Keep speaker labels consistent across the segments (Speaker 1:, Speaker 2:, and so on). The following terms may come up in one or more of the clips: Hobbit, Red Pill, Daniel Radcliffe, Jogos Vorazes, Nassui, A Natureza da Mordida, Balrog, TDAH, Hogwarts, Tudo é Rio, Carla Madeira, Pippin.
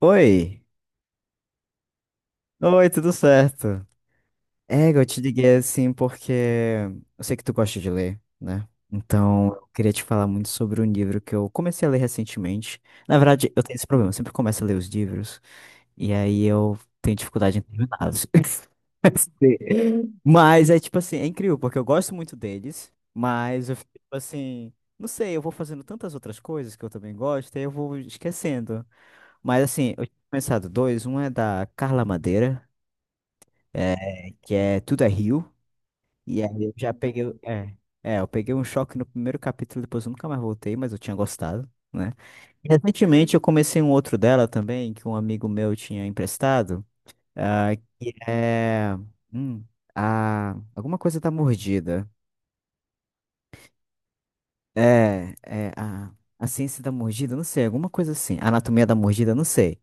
Speaker 1: Oi, oi, tudo certo? Eu te liguei assim porque eu sei que tu gosta de ler, né? Então, eu queria te falar muito sobre um livro que eu comecei a ler recentemente. Na verdade, eu tenho esse problema, eu sempre começo a ler os livros e aí eu tenho dificuldade em terminá-los. Sim. Mas é tipo assim, é incrível porque eu gosto muito deles, mas eu fico tipo assim, não sei, eu vou fazendo tantas outras coisas que eu também gosto e aí eu vou esquecendo. Mas assim, eu tinha pensado dois, um é da Carla Madeira. Que é Tudo é Rio. E aí eu já peguei. É, eu peguei um choque no primeiro capítulo, depois eu nunca mais voltei, mas eu tinha gostado, né? E recentemente eu comecei um outro dela também, que um amigo meu tinha emprestado, ah, que é. hum, a, Alguma coisa da mordida. É, a ciência da mordida, não sei, alguma coisa assim. A anatomia da mordida, não sei.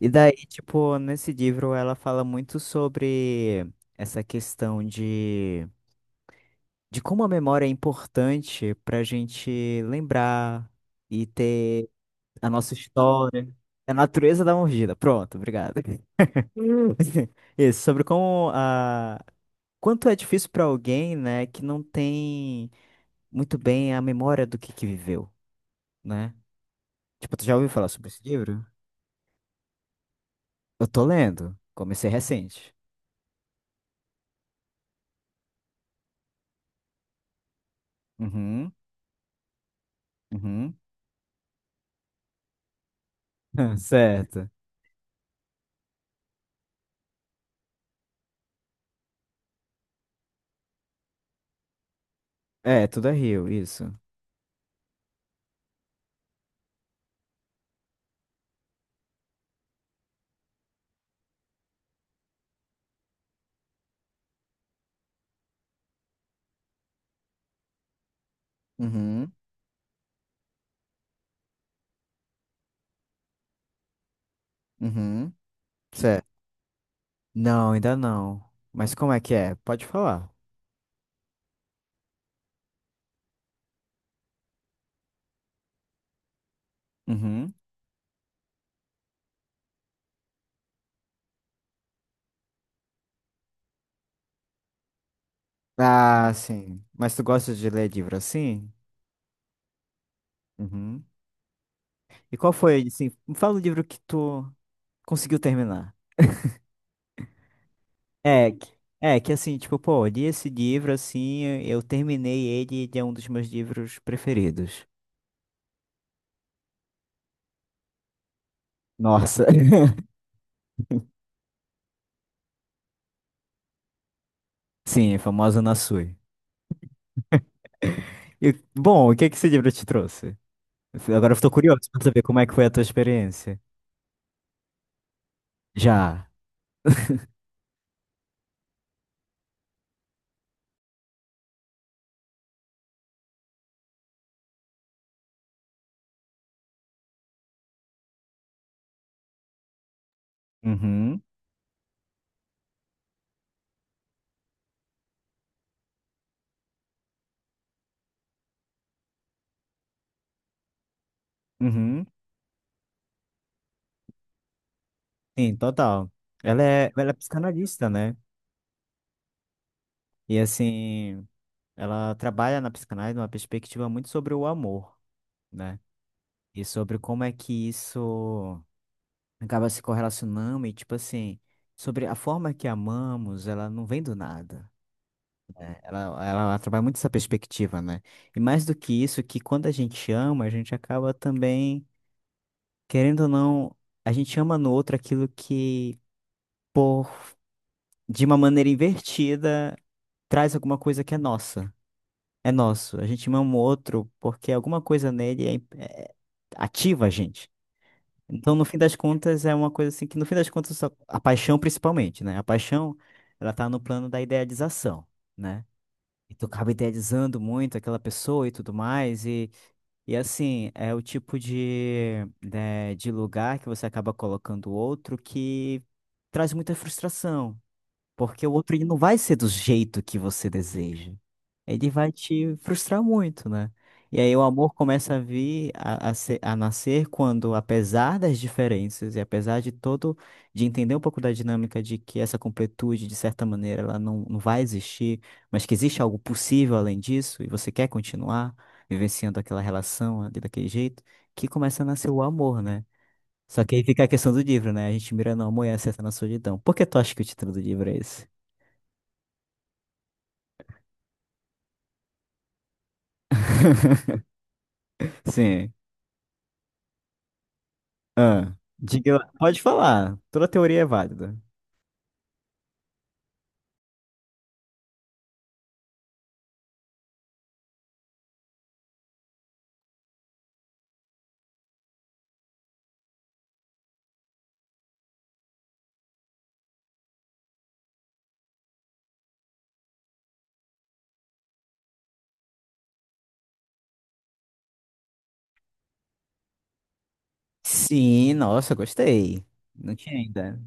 Speaker 1: E daí, tipo, nesse livro ela fala muito sobre essa questão de como a memória é importante para a gente lembrar e ter a nossa história. A natureza da mordida. Pronto, obrigado. Hum. Isso, sobre como a. Quanto é difícil para alguém, né, que não tem muito bem a memória do que viveu, né? Tipo, tu já ouviu falar sobre esse livro? Eu tô lendo. Comecei recente. Uhum, uhum. Certo. É, tudo é Rio, isso. Uhum, uhum. Não, ainda não. Mas como é que é? Pode falar. Uhum. Ah, sim. Mas tu gosta de ler livro assim? Uhum. E qual foi, assim, me fala o livro que tu conseguiu terminar. É, que- É que assim, tipo, pô, eu li esse livro assim, eu terminei ele, ele é um dos meus livros preferidos. Nossa. Sim, a famosa Nassui. E, bom, o que é que esse livro te trouxe? Agora eu tô curioso pra saber como é que foi a tua experiência. Já. Uhum. Uhum. Sim, total. Ela é psicanalista, né? E assim, ela trabalha na psicanálise numa perspectiva muito sobre o amor, né? E sobre como é que isso acaba se correlacionando e, tipo assim, sobre a forma que amamos, ela não vem do nada. Né? Ela trabalha muito essa perspectiva, né? E mais do que isso, que quando a gente ama, a gente acaba também, querendo ou não, a gente ama no outro aquilo que, por, de uma maneira invertida. Traz alguma coisa que é nossa, é nosso. A gente ama o outro porque alguma coisa nele ativa a gente. Então, no fim das contas, é uma coisa assim que, no fim das contas, a paixão principalmente, né? A paixão, ela tá no plano da idealização, né? E tu acaba idealizando muito aquela pessoa e tudo mais, e assim, é o tipo de, né, de lugar que você acaba colocando o outro que traz muita frustração. Porque o outro ele não vai ser do jeito que você deseja. Ele vai te frustrar muito, né? E aí o amor começa a vir a, ser- a nascer quando, apesar das diferenças e apesar de todo, de entender um pouco da dinâmica de que essa completude, de certa maneira, ela não, não vai existir, mas que existe algo possível além disso, e você quer continuar vivenciando aquela relação ali daquele jeito, que começa a nascer o amor, né? Só que aí fica a questão do livro, né? A gente mira no amor e acerta na solidão. Por que tu acha que o título do livro é esse? Sim. Ah, diga lá. Pode falar. Toda teoria é válida. Sim, nossa, gostei. Não tinha ainda.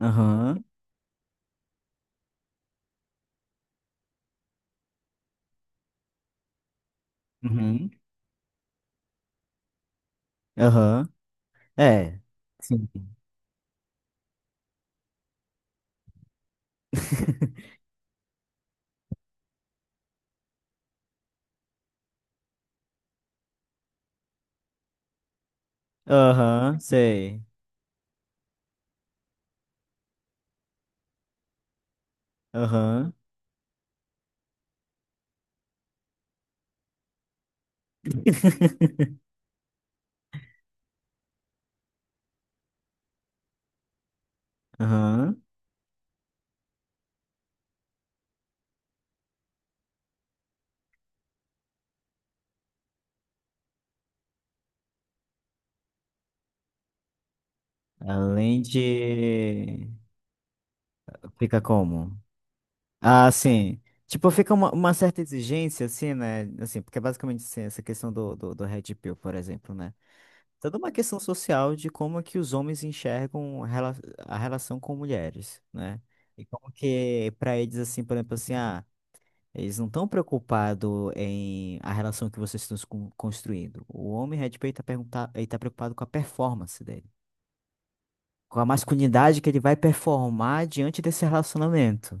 Speaker 1: Aham. Uhum. Aham. É. Sim. Aham, sei. Aham. Aham. Além de. Fica como? Ah, sim. Tipo, fica uma certa exigência, assim, né? Assim, porque basicamente, assim, essa questão do Red Pill, por exemplo, né? Toda uma questão social de como é que os homens enxergam a a relação com mulheres, né? E como que para eles assim, por exemplo, assim, ah, eles não estão preocupados em a relação que vocês estão construindo. O homem Red Pill está perguntar, ele tá preocupado com a performance dele, com a masculinidade que ele vai performar diante desse relacionamento.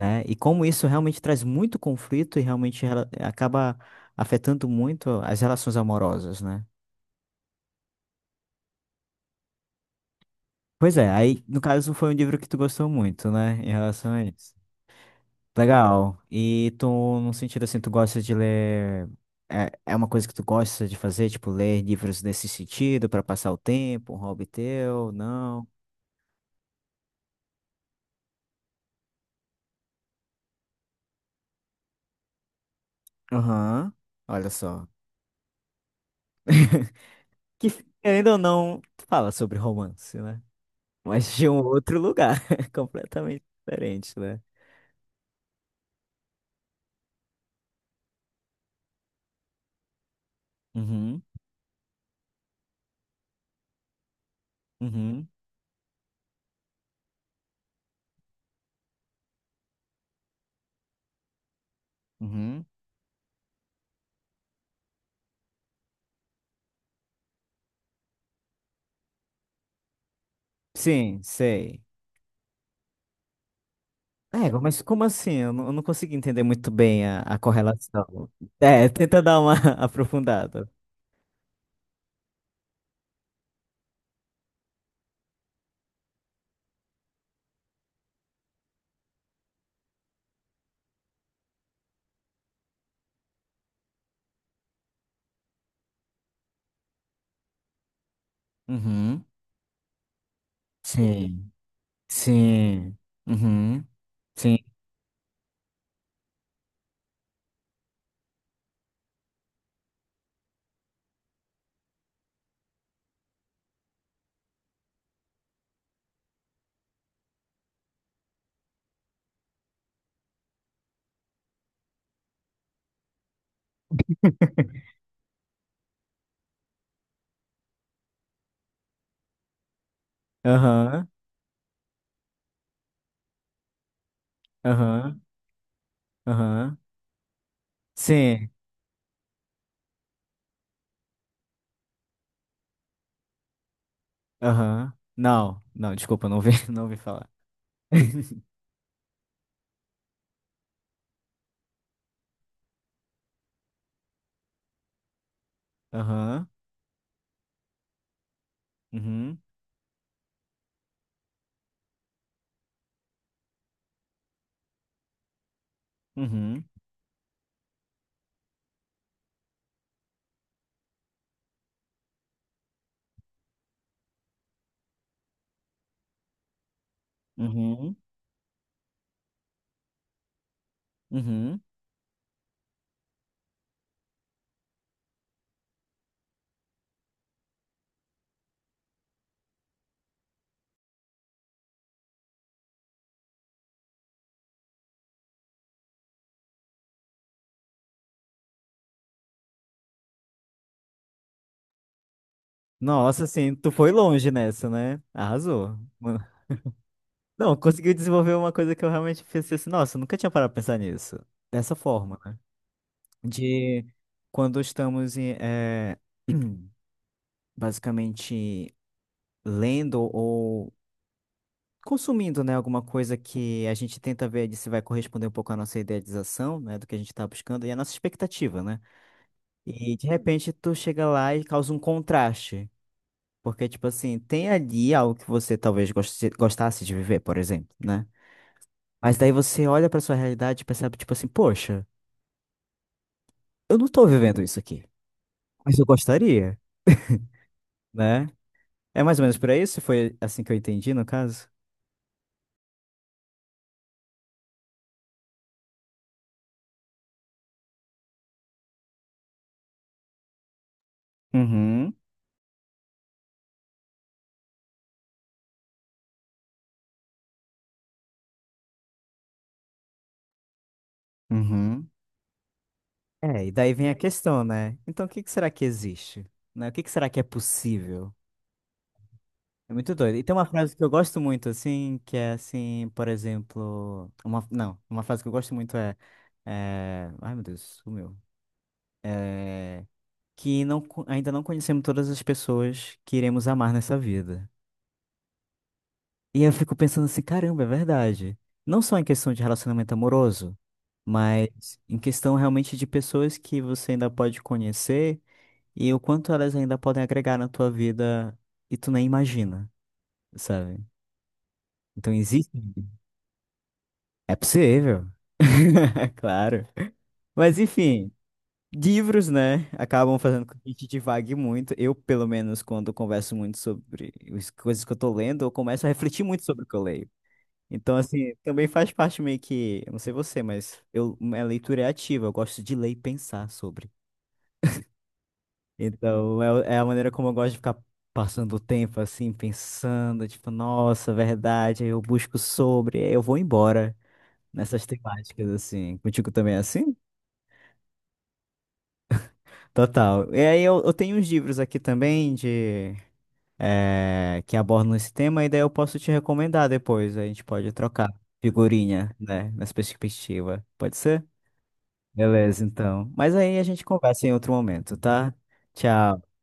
Speaker 1: Né? E como isso realmente traz muito conflito e realmente acaba afetando muito as relações amorosas, né? Pois é, aí no caso foi um livro que tu gostou muito, né, em relação a isso. Legal. E tu, num sentido assim, tu gosta de ler. É, é uma coisa que tu gosta de fazer, tipo, ler livros nesse sentido, pra passar o tempo, um hobby teu? Não. Aham. Olha só. Que querendo ou não, fala sobre romance, né? Mas de um outro lugar, completamente diferente, né? Uhum, uhum, uhum. Sim, sei. É, mas como assim? Eu não consigo entender muito bem a correlação. É, tenta dar uma aprofundada. Uhum. Sim. Sim. Uhum. Sim. Aham. Aham. Aham. Sim. Aham. Não. Não, desculpa, não ouvi, não ouvi falar. Aham. Uhum. Uhum. Uhum. Uhum. Nossa, assim, tu foi longe nessa, né? Arrasou. Não, conseguiu desenvolver uma coisa que eu realmente pensei assim, nossa, eu nunca tinha parado pra pensar nisso. Dessa forma, né? De quando estamos em, basicamente lendo ou consumindo, né, alguma coisa que a gente tenta ver de se vai corresponder um pouco à nossa idealização, né, do que a gente está buscando e à nossa expectativa, né? E de repente tu chega lá e causa um contraste. Porque, tipo assim, tem ali algo que você talvez gostasse de viver, por exemplo, né? Mas daí você olha pra sua realidade e percebe, tipo assim, poxa, eu não tô vivendo isso aqui. Mas eu gostaria, né? É mais ou menos por aí? Se foi assim que eu entendi, no caso? Uhum, uhum. É, e daí vem a questão, né? Então, o que que será que existe? Né? O que que será que é possível? É muito doido. E tem uma frase que eu gosto muito, assim, que é assim, por exemplo. Uma, não, uma frase que eu gosto muito é. Ai, meu Deus, sumiu. É... Que não, co- ainda não conhecemos todas as pessoas que iremos amar nessa vida. E eu fico pensando assim, caramba, é verdade. Não só em questão de relacionamento amoroso, mas em questão realmente de pessoas que você ainda pode conhecer e o quanto elas ainda podem agregar na tua vida e tu nem imagina, sabe? Então existe. É possível. Claro. Mas enfim, livros, né, acabam fazendo com que a gente divague muito. Eu, pelo menos, quando converso muito sobre as coisas que eu tô lendo, eu começo a refletir muito sobre o que eu leio. Então, assim, também faz parte meio que, eu não sei você, mas eu, minha leitura é ativa, eu gosto de ler e pensar sobre. Então, é, é a maneira como eu gosto de ficar passando o tempo, assim, pensando, tipo, nossa, verdade, aí eu busco sobre, aí eu vou embora nessas temáticas, assim. Contigo também é assim? Total. E aí eu tenho uns livros aqui também de, que abordam esse tema, e daí eu posso te recomendar depois, a gente pode trocar figurinha, né, nessa perspectiva. Pode ser? Beleza, então. Mas aí a gente conversa em outro momento, tá? Tchau.